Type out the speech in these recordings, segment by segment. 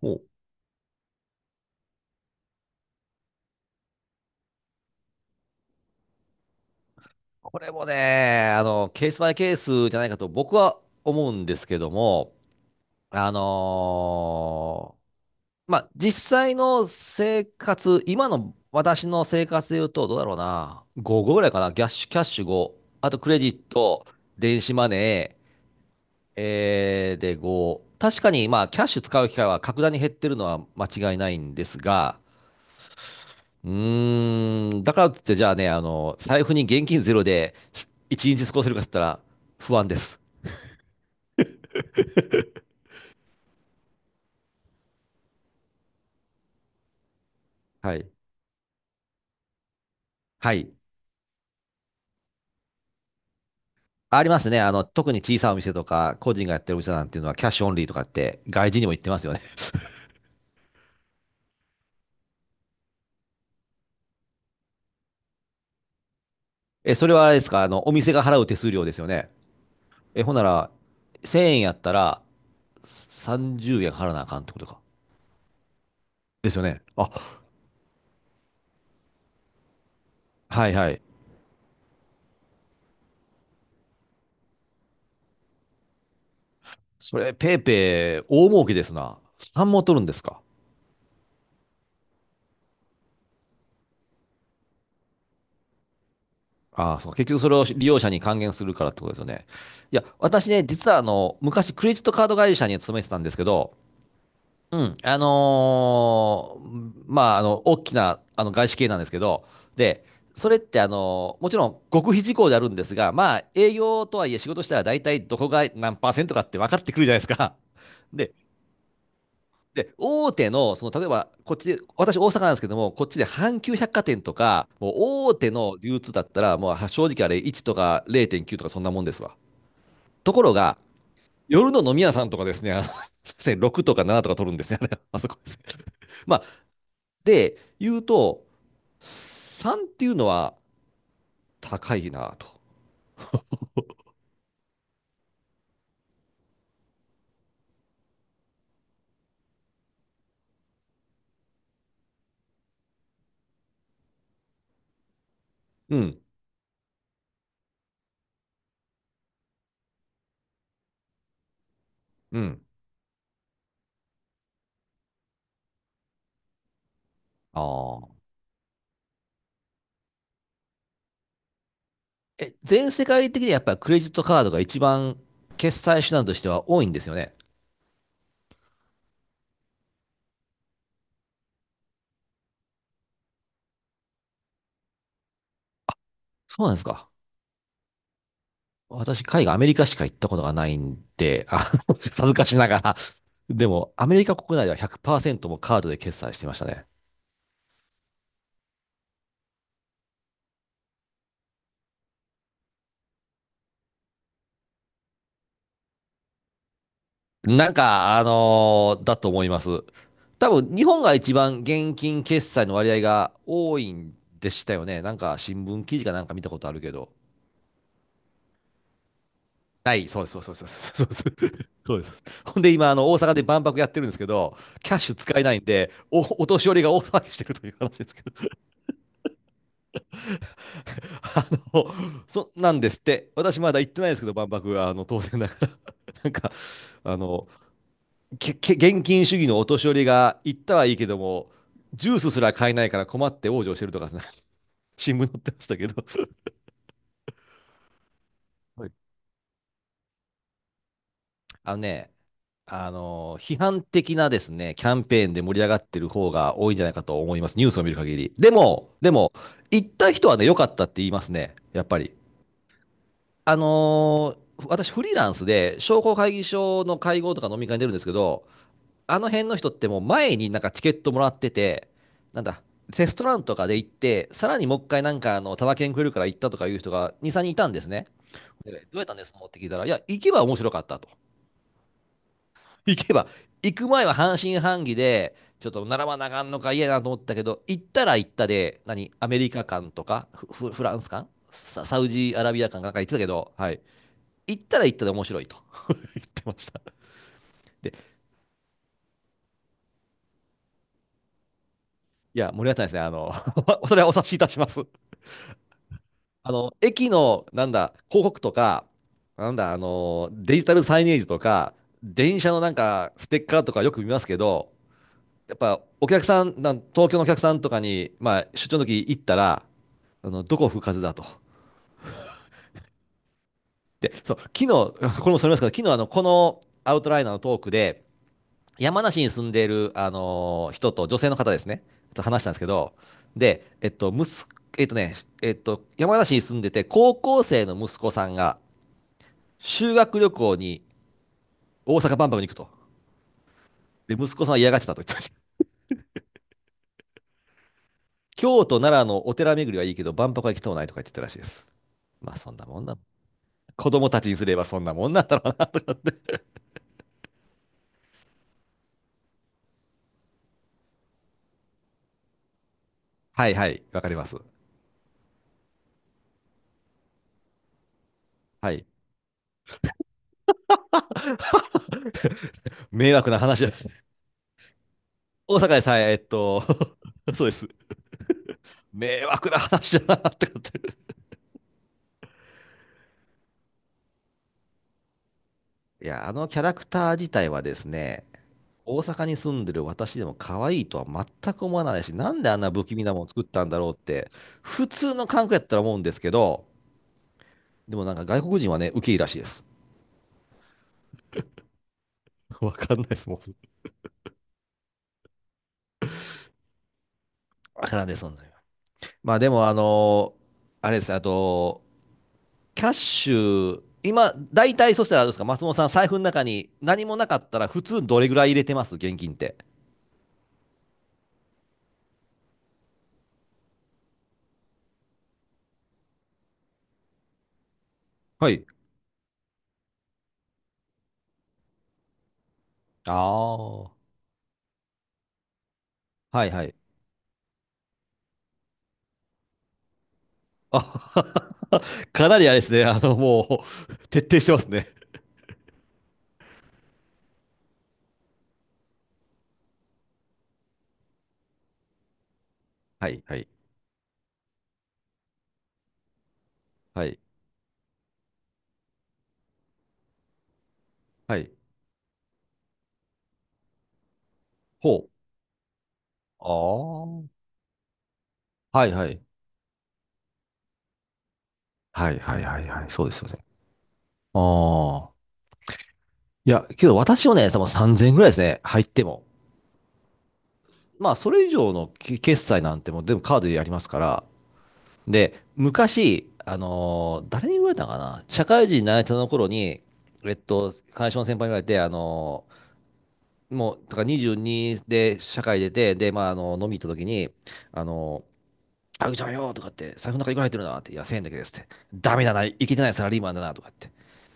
ほう。これもね、ケースバイケースじゃないかと僕は思うんですけども、あのーまあ、実際の生活、今の私の生活で言うと、どうだろうな、5ぐらいかな。キャッシュ、キャッシュ5、あとクレジット、電子マネー、で5。確かに、まあ、キャッシュ使う機会は格段に減ってるのは間違いないんですが、だからといって、じゃあね、財布に現金ゼロで一日過ごせるかっつったら不安です。はい。はい。ありますね。特に小さいお店とか、個人がやってるお店なんていうのは、キャッシュオンリーとかって、外人にも言ってますよね。え、それはあれですか、お店が払う手数料ですよね。え、ほんなら、1000円やったら、30円払わなあかんってことか。ですよね。あ、はいはい。それ、ペイペイ、大儲けですな。3も取るんですか？ああ、そう、結局それを利用者に還元するからってことですよね。いや、私ね、実は昔クレジットカード会社に勤めてたんですけど、うん、まあ、大きな、外資系なんですけど、で、それってもちろん極秘事項であるんですが、まあ、営業とはいえ仕事したら大体どこが何パーセントかって分かってくるじゃないですか。で、で、大手の、例えば、こっちで、私、大阪なんですけども、こっちで阪急百貨店とか、もう大手の流通だったら、もう正直あれ、1とか0.9とかそんなもんですわ。ところが、夜の飲み屋さんとかですね、ですい6 とか7とか取るんですね、あれ。 あそこですね。まあ、で、言うと、3っていうのは高いなと。うん、うん。ああ。え、全世界的にやっぱりクレジットカードが一番決済手段としては多いんですよね。そうなんですか。私、海外、アメリカしか行ったことがないんで、恥ずかしながら。でも、アメリカ国内では100%もカードで決済してましたね。なんか、だと思います。多分、日本が一番現金決済の割合が多いんでしたよね。なんか、新聞記事かなんか見たことあるけど。ない、そうです、そうです、そうです、そうです。そうです。ほんで、今、大阪で万博やってるんですけど、キャッシュ使えないんで、お年寄りが大騒ぎしてるという話ですけど。あの、なんですって。私まだ行ってないですけど、万博は、当然だから。なんか、あの、現金主義のお年寄りが行ったはいいけども、ジュースすら買えないから困って往生してるとか、新聞載ってましたけど。はい、あのね、批判的なですね、キャンペーンで盛り上がってる方が多いんじゃないかと思います。ニュースを見る限り。でも、行った人はね、良かったって言いますね。やっぱり。あのー私フリーランスで商工会議所の会合とか飲み会に出るんですけど、あの辺の人ってもう前になんかチケットもらってて、なんだ、テストランとかで行って、さらにもう一回なんかタダ券くれるから行ったとかいう人が2、3人いたんですね。でどうやったんですのって聞いたら、いや、行けば面白かったと。行けば、行く前は半信半疑で、ちょっと並ばなあかんのか嫌やなと思ったけど、行ったら行ったで、何、アメリカ館とか、フランス館、サウジアラビア館かなんか行ってたけど、はい。行ったら行ったで面白いと 言ってました。で、いや、盛り上がさんですね、それはお察しいたします。駅の、なんだ、広告とか、なんだ、デジタルサイネージとか、電車のなんか、ステッカーとかよく見ますけど、やっぱ、お客さん、東京のお客さんとかに、まあ、出張の時行ったら、どこ吹かずだと。で、そう、昨日、これもそれますけど、昨日、このアウトライナーのトークで、山梨に住んでいる、人と女性の方ですね、と話したんですけど、で、息子、えっとね、えっと、山梨に住んでて、高校生の息子さんが修学旅行に大阪万博に行くと。で、息子さんは嫌がってたと言ってました。京都、奈良のお寺巡りはいいけど、万博は行きとうないとか言ってたらしいです。まあ、そんなもんな。子供たちにすればそんなもんなんだろうな。はいはい、わかります。はい。迷惑な話です。大阪でさえ、そうです。迷惑な話だなってこと。いや、あのキャラクター自体はですね、大阪に住んでる私でも可愛いとは全く思わないし、なんであんな不気味なもの作ったんだろうって、普通の韓国やったら思うんですけど、でもなんか外国人はね、ウケいいらしいです。わかんないです、もう。わからんです、そんなの。まあでも、あれです、あと、キャッシュ、今、大体そしたらあれですか、松本さん、財布の中に何もなかったら、普通どれぐらい入れてます現金って。はい。ああ、はいはい。あ、 かなりあれですね。もう、徹底してますね。はいはいはい。はい。ほう。ああ、はいはい。はいはいはいはい。そうですよね。ああ。いや、けど私もね、多分3000円ぐらいですね。入っても。まあ、それ以上の決済なんてもう全部カードでやりますから。で、昔、誰に言われたのかな、社会人になれたの頃に、会社の先輩に言われて、もう、だから22で社会出て、で、まあ、飲み行った時に、あのあぐちゃんよとかって、財布の中いくら入ってるなって、いや、1000円だけですって。ダメだな、いけてないサラリーマンだなとかって。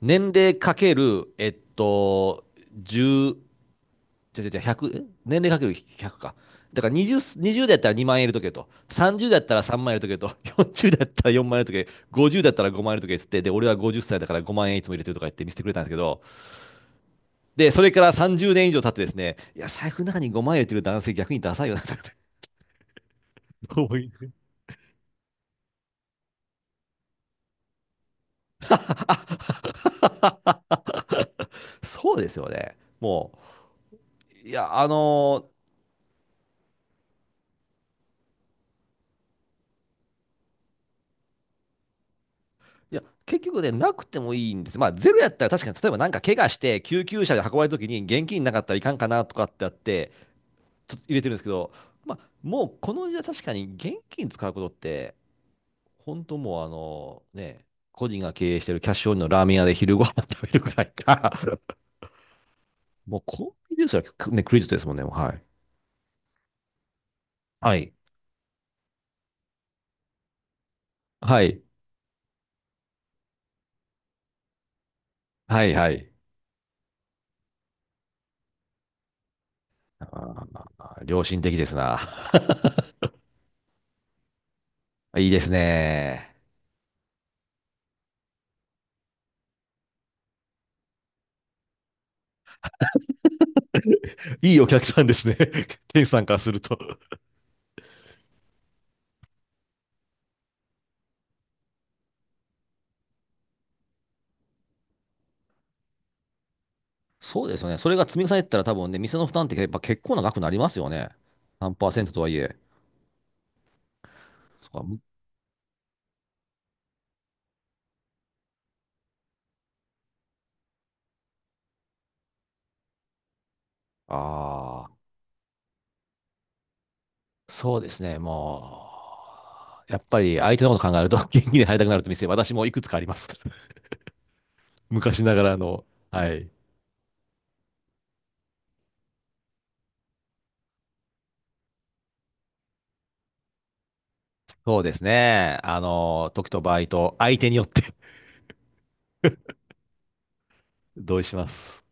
年齢かける、10、じゃ100、年齢かける100か。だから20、20だったら2万円入れとけと。30だったら3万円入れとけと。40だったら4万円入れとけ。50だったら5万円入れとけっつって。で、俺は50歳だから5万円いつも入れてるとか言って見せてくれたんですけど。で、それから30年以上経ってですね、いや、財布の中に5万円入れてる男性逆にダサいよなとかって 思い。そうですよね。もう、いや、いや、結局ね、なくてもいいんです。まあ、ゼロやったら確かに、例えばなんか怪我して、救急車で運ばれた時に現金なかったらいかんかなとかってあって、ちょっと入れてるんですけど、まあ、もうこの時代確かに現金使うことって、本当もうね、個人が経営してるキャッシュオンリーのラーメン屋で昼ご飯食べるくらいか。もうコンビニですら、ね、クレジットですもんね、もう、はい。はい。はい。はい、はい。あー、良心的ですな。いいですね。いいお客さんですね。店主さんからすると。そうですよね。それが積み重ねてたら多分ね、店の負担ってやっぱ結構な額になりますよね。何パーセントとはいえ。そっか、ああー、そうですね、もう、やっぱり相手のこと考えると、元気で入りたくなると店、私もいくつかあります。昔ながらの、はい。そうですね、時と場合と、相手によって 同意します。